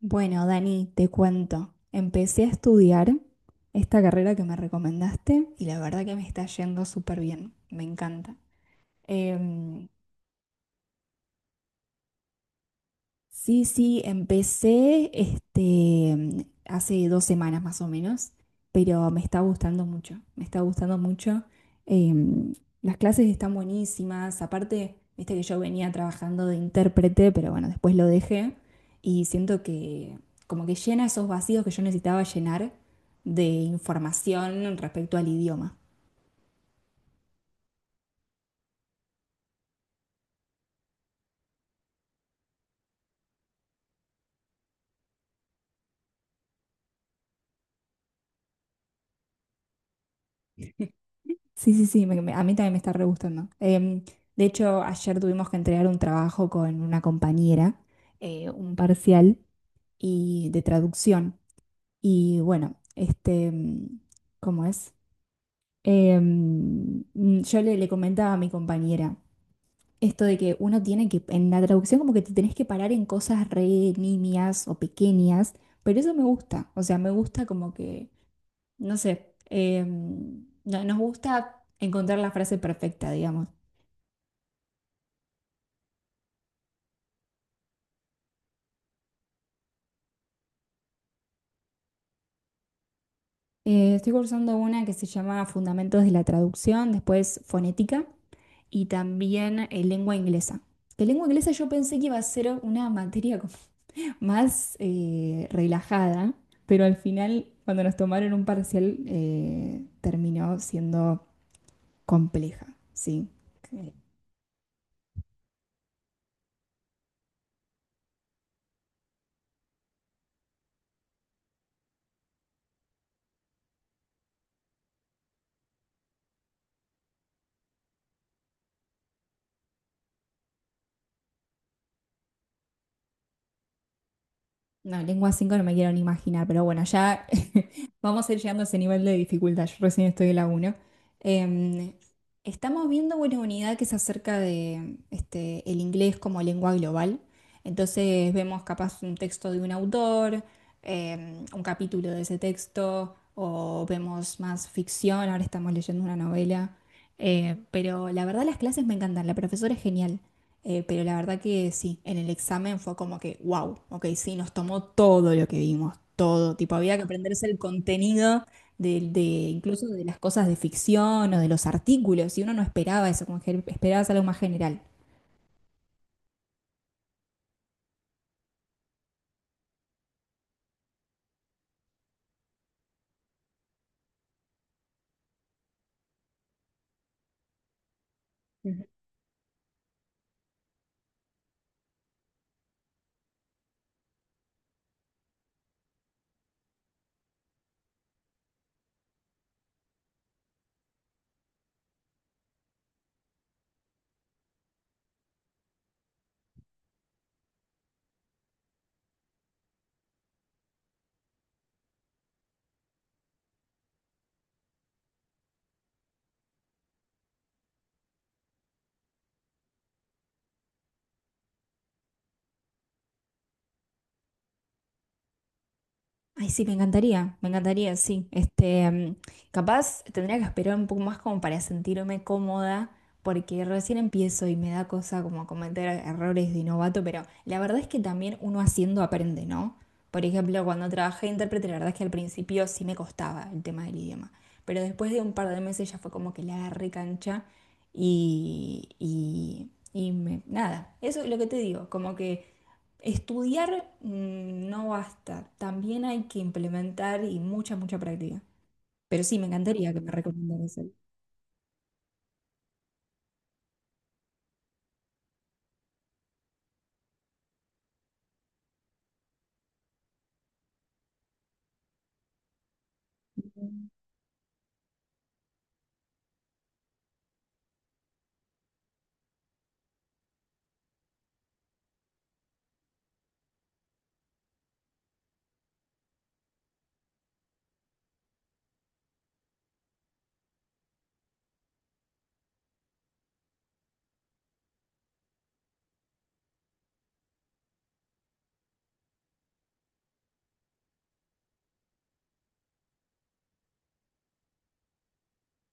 Bueno, Dani, te cuento. Empecé a estudiar esta carrera que me recomendaste y la verdad que me está yendo súper bien. Me encanta. Eh, Sí, sí, empecé hace 2 semanas más o menos, pero me está gustando mucho, me está gustando mucho. Em, las clases están buenísimas, aparte, viste que yo venía trabajando de intérprete, pero bueno, después lo dejé y siento que como que llena esos vacíos que yo necesitaba llenar de información respecto al idioma. Sí, sí, sí, a mí también me está re gustando. De hecho, ayer tuvimos que entregar un trabajo con una compañera, un parcial y de traducción. Y bueno, ¿cómo es? Yo le comentaba a mi compañera esto de que uno tiene que, en la traducción como que te tenés que parar en cosas re nimias o pequeñas, pero eso me gusta. O sea, me gusta como que, no sé, nos gusta encontrar la frase perfecta, digamos. Estoy cursando una que se llama Fundamentos de la Traducción, después Fonética y también Lengua Inglesa. Que lengua inglesa yo pensé que iba a ser una materia como más relajada, pero al final, cuando nos tomaron un parcial, terminó siendo compleja, ¿sí? No, lengua 5 no me quiero ni imaginar, pero bueno, ya vamos a ir llegando a ese nivel de dificultad. Yo recién estoy en la uno. Em, Estamos viendo una unidad que es acerca de el inglés como lengua global. Entonces vemos capaz un texto de un autor, un capítulo de ese texto, o vemos más ficción, ahora estamos leyendo una novela. Pero la verdad las clases me encantan, la profesora es genial. Pero la verdad que sí, en el examen fue como que, wow, ok, sí, nos tomó todo lo que vimos, todo. Tipo, había que aprenderse el contenido de, de- incluso de las cosas de ficción o de los artículos, y uno no esperaba eso, como que esperabas algo más general. Ay, sí, me encantaría, sí. Capaz tendría que esperar un poco más como para sentirme cómoda, porque recién empiezo y me da cosa como cometer errores de novato, pero la verdad es que también uno haciendo aprende, ¿no? Por ejemplo, cuando trabajé de intérprete, la verdad es que al principio sí me costaba el tema del idioma, pero después de un par de meses ya fue como que la agarré cancha nada, eso es lo que te digo, como que... Estudiar no basta, también hay que implementar y mucha, mucha práctica. Pero sí, me encantaría que me recomendaras algo.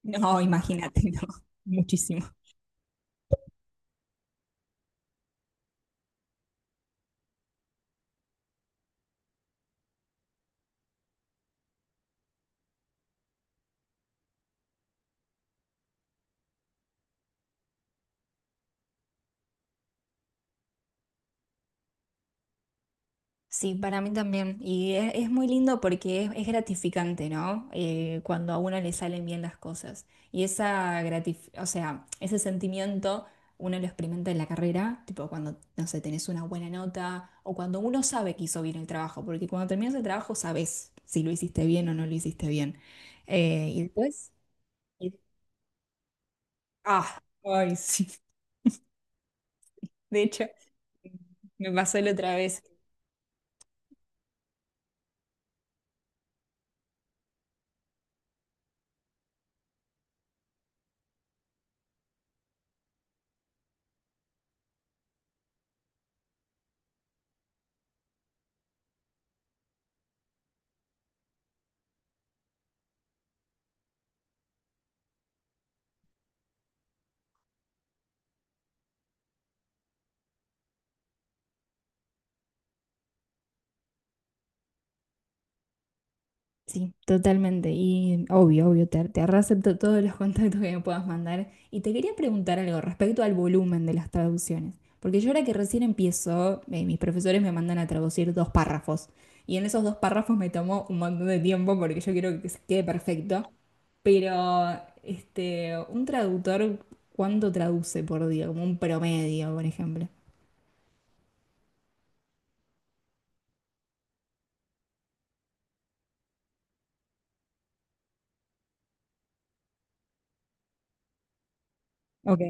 No, imagínate, no, muchísimo. Sí, para mí también. Y es muy lindo porque es gratificante, ¿no? Cuando a uno le salen bien las cosas. Y esa o sea, ese sentimiento uno lo experimenta en la carrera, tipo cuando, no sé, tenés una buena nota o cuando uno sabe que hizo bien el trabajo, porque cuando terminas el trabajo sabes si lo hiciste bien o no lo hiciste bien. Y después, y- ah, ay, sí. De hecho, me pasó la otra vez. Sí, totalmente. Y obvio, obvio, te reacepto todos los contactos que me puedas mandar. Y te quería preguntar algo respecto al volumen de las traducciones. Porque yo ahora que recién empiezo, mis profesores me mandan a traducir 2 párrafos. Y en esos 2 párrafos me tomó un montón de tiempo porque yo quiero que se quede perfecto. Pero un traductor, ¿cuánto traduce por día? Como un promedio, por ejemplo. Ok.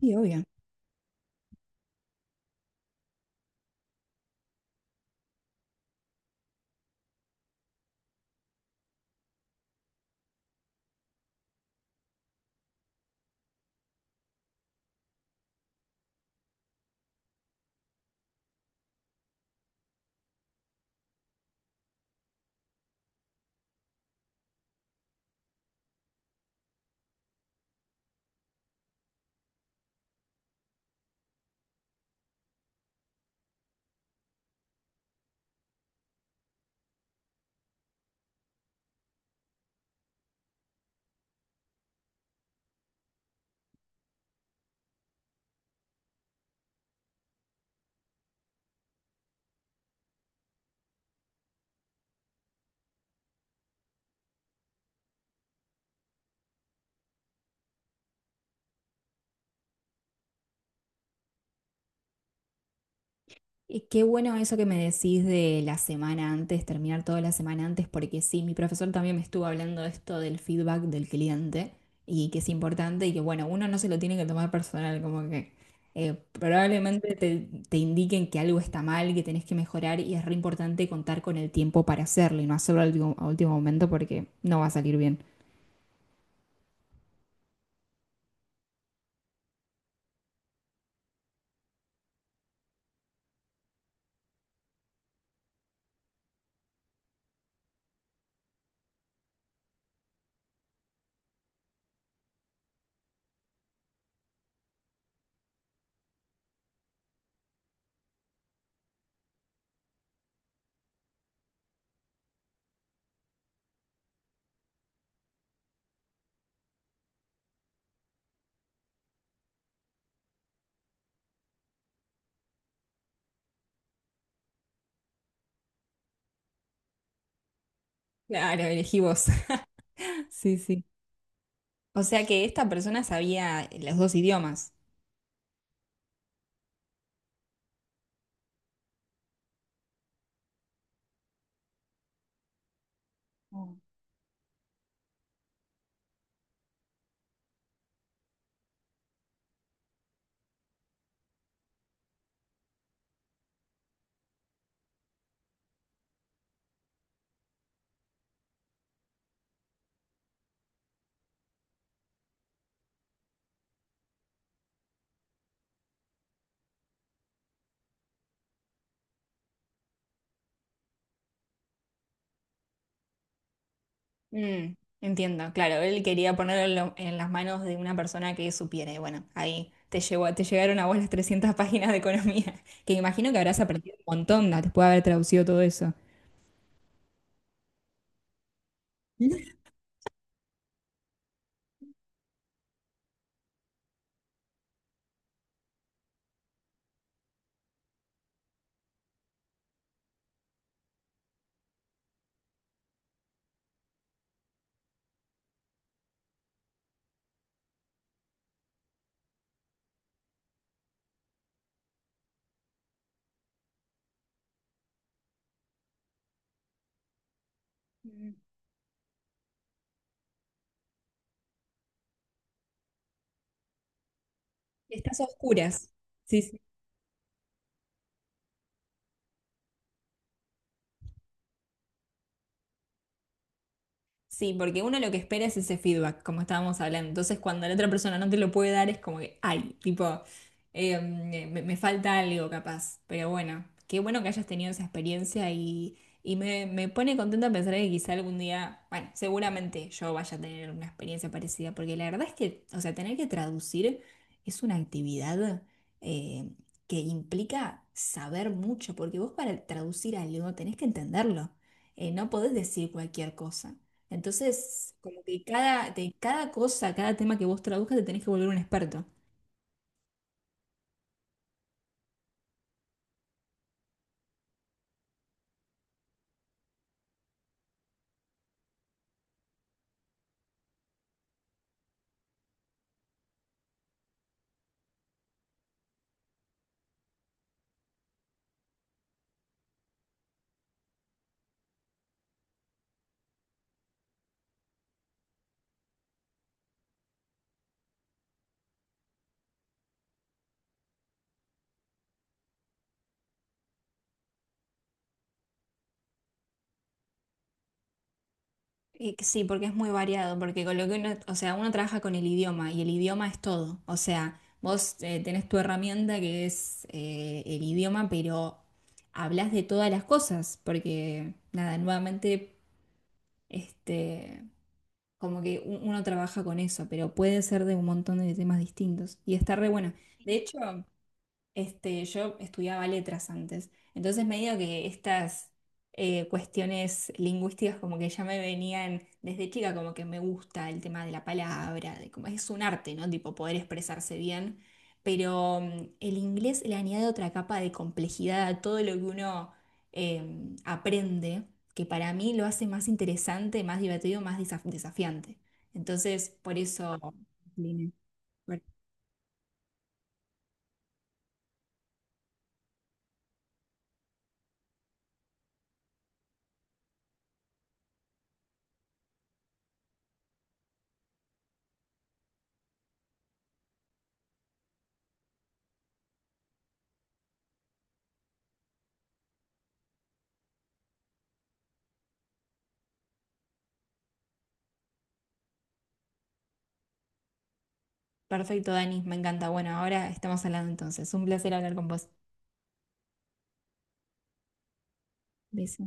Sí, obvio. Y qué bueno eso que me decís de la semana antes, terminar toda la semana antes, porque sí, mi profesor también me estuvo hablando de esto del feedback del cliente y que es importante y que bueno, uno no se lo tiene que tomar personal, como que probablemente te indiquen que algo está mal, que tenés que mejorar y es re importante contar con el tiempo para hacerlo y no hacerlo al último, a último momento porque no va a salir bien. Claro, elegí vos. Sí, sí. O sea que esta persona sabía los dos idiomas. Mm, entiendo, claro, él quería ponerlo en, en las manos de una persona que supiera. Y bueno, ahí te llegó, te llegaron a vos las 300 páginas de economía, que imagino que habrás aprendido un montón ¿no? después de haber traducido todo eso. Mm. Estás a oscuras. Sí, sí. Sí, porque uno lo que espera es ese feedback, como estábamos hablando. Entonces, cuando la otra persona no te lo puede dar, es como que, ay, tipo, me falta algo capaz. Pero bueno, qué bueno que hayas tenido esa experiencia y, me pone contenta pensar que quizá algún día, bueno, seguramente yo vaya a tener una experiencia parecida, porque la verdad es que, o sea, tener que traducir es una actividad eh, que implica saber mucho, porque vos para traducir algo tenés que entenderlo. No podés decir cualquier cosa. Entonces, como que cada, de cada cosa, cada tema que vos traduzcas, te tenés que volver un experto. Y que sí, porque es muy variado, porque con lo que uno, o sea, uno trabaja con el idioma y el idioma es todo. O sea, vos tenés tu herramienta que es el idioma, pero hablas de todas las cosas, porque nada, nuevamente, este, como que uno trabaja con eso, pero puede ser de un montón de temas distintos. Y está re bueno. De hecho. Yo estudiaba letras antes, entonces medio que estas cuestiones lingüísticas como que ya me venían desde chica, como que me gusta el tema de la palabra, de cómo es un arte, ¿no? Tipo poder expresarse bien, pero el inglés le añade otra capa de complejidad a todo lo que uno eh, aprende, que para mí lo hace más interesante, más divertido, más desafiante. Entonces, por eso... Lina. Perfecto, Dani, me encanta. Bueno, ahora estamos hablando entonces. Un placer hablar con vos. Beso.